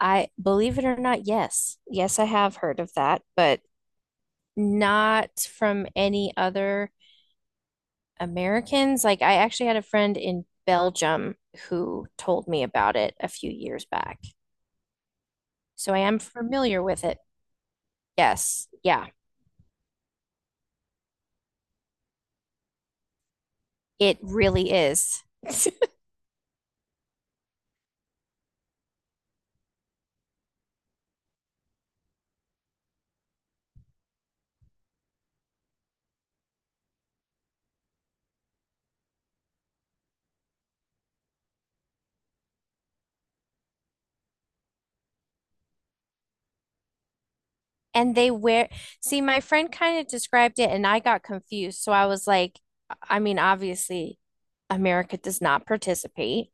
I believe it or not, yes. Yes, I have heard of that, but not from any other Americans. Like, I actually had a friend in Belgium who told me about it a few years back. So I am familiar with it. Yes. Yeah. It really is. And they wear, see, my friend kind of described it and I got confused. So I was like, I mean, obviously, America does not participate.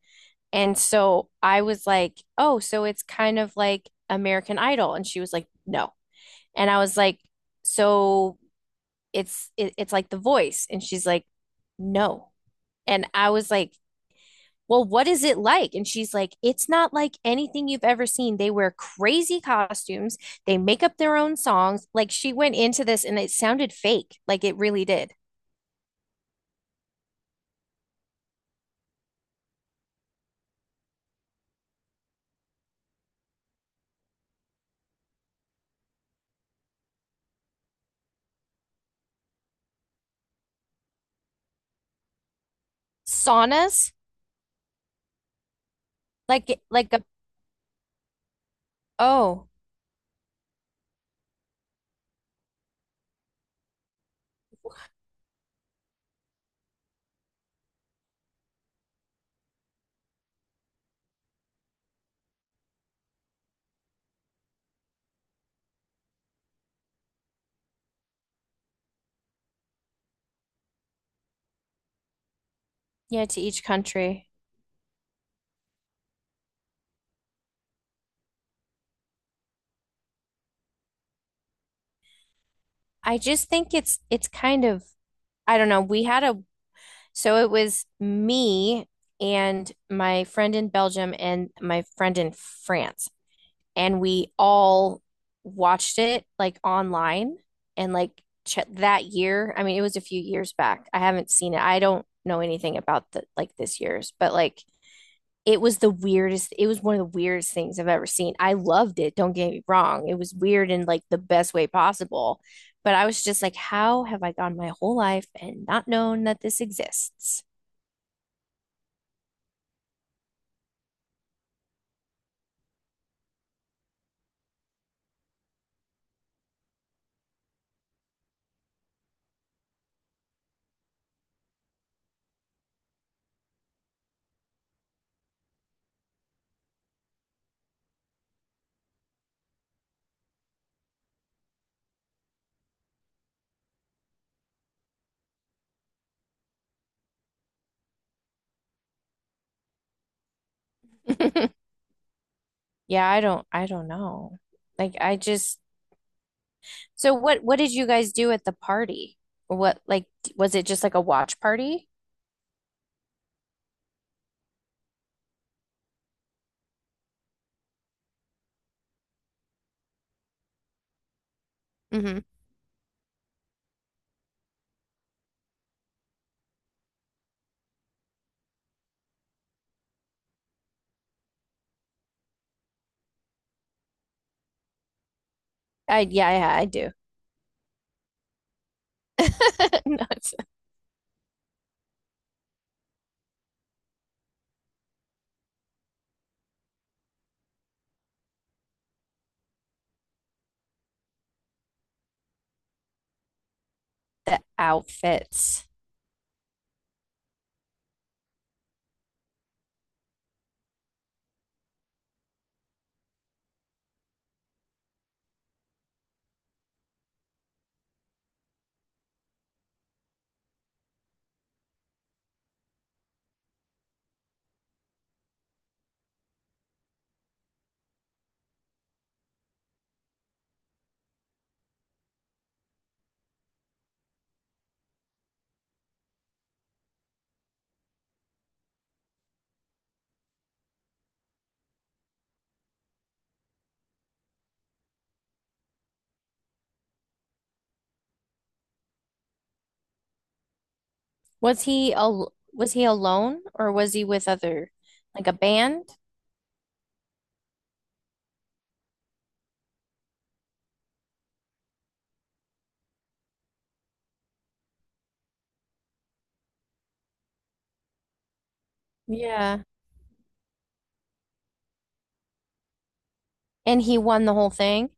And so I was like, oh, so it's kind of like American Idol. And she was like, no. And I was like, so it's like The Voice. And she's like, no. And I was like, well, what is it like? And she's like, it's not like anything you've ever seen. They wear crazy costumes, they make up their own songs. Like she went into this and it sounded fake. Like it really did. Saunas, like a oh, yeah, to each country. I just think it's kind of I don't know. We had a so it was me and my friend in Belgium and my friend in France, and we all watched it like online and like ch that year. I mean, it was a few years back. I haven't seen it. I don't know anything about the like this year's, but like it was the weirdest. It was one of the weirdest things I've ever seen. I loved it. Don't get me wrong. It was weird in like the best way possible, but I was just like, how have I gone my whole life and not known that this exists? Yeah, I don't. I don't know. Like, I just. So what did you guys do at the party? Or what like was it just like a watch party? Hmm. I yeah, yeah, I do. No, it's- The outfits. Was he al was he alone or was he with other like a band? Yeah. And he won the whole thing,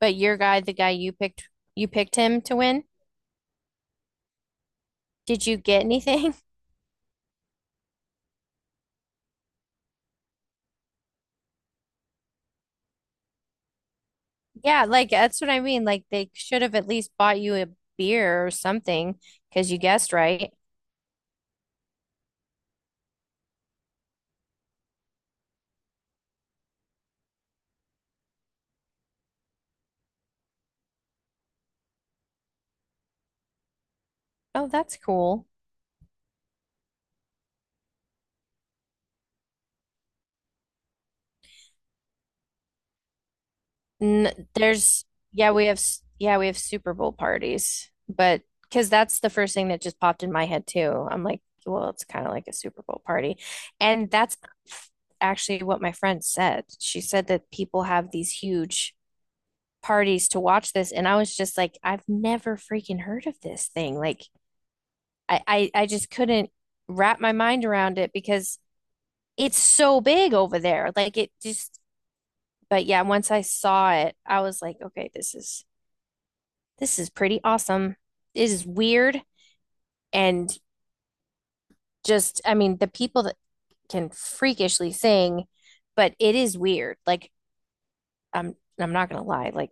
but your guy, the guy you picked him to win. Did you get anything? Yeah, like that's what I mean. Like they should have at least bought you a beer or something because you guessed right. Oh, that's cool. N there's yeah, we have s- yeah, we have Super Bowl parties, but because that's the first thing that just popped in my head too. I'm like, well, it's kind of like a Super Bowl party, and that's actually what my friend said. She said that people have these huge parties to watch this, and I was just like, I've never freaking heard of this thing. Like, I just couldn't wrap my mind around it because it's so big over there. Like it just, but yeah, once I saw it, I was like, okay, this is pretty awesome. It is weird and just, I mean, the people that can freakishly sing, but it is weird. Like I'm not gonna lie. Like,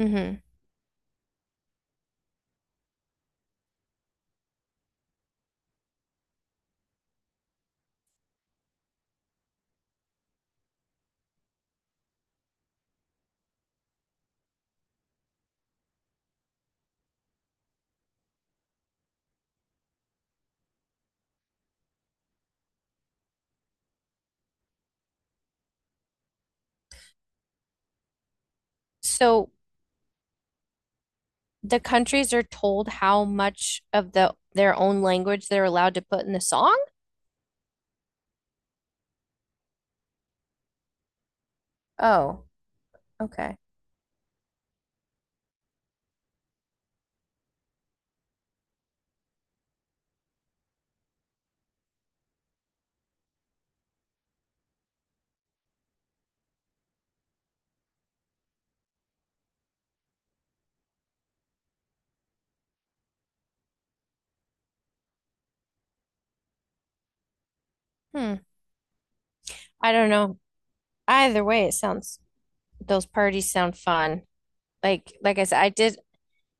hmm. So the countries are told how much of the their own language they're allowed to put in the song? Oh, okay. Hmm. I don't know. Either way, it sounds those parties sound fun. Like I said, I did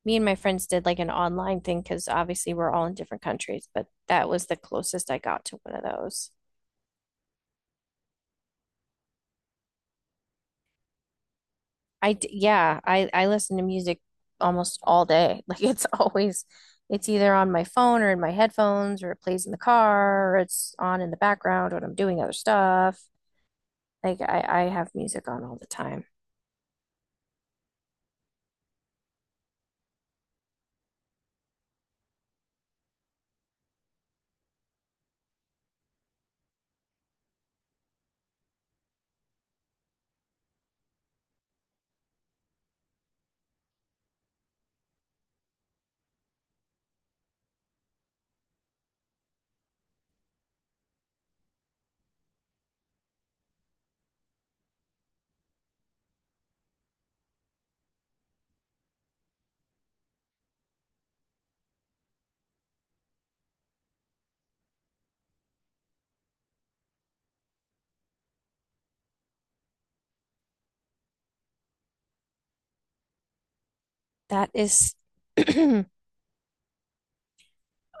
me and my friends did like an online thing because obviously we're all in different countries, but that was the closest I got to one of those. I d- yeah, I listen to music almost all day. Like it's always it's either on my phone or in my headphones or it plays in the car or it's on in the background when I'm doing other stuff. Like I have music on all the time. That is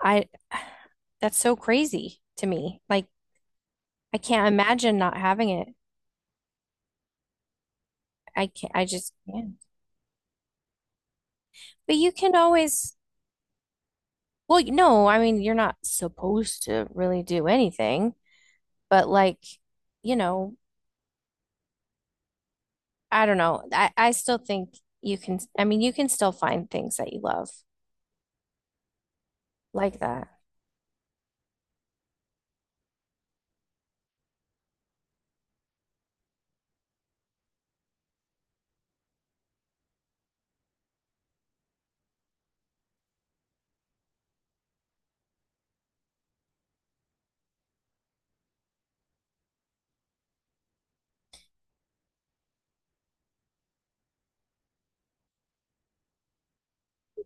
I that's so crazy to me. Like I can't imagine not having it. I can't I just can't. But you can always well, you know, I mean, you're not supposed to really do anything, but like, you know, I don't know. I still think you can I mean, you can still find things that you love like that.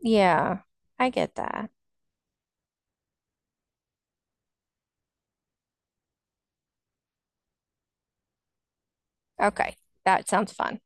Yeah, I get that. Okay. That sounds fun.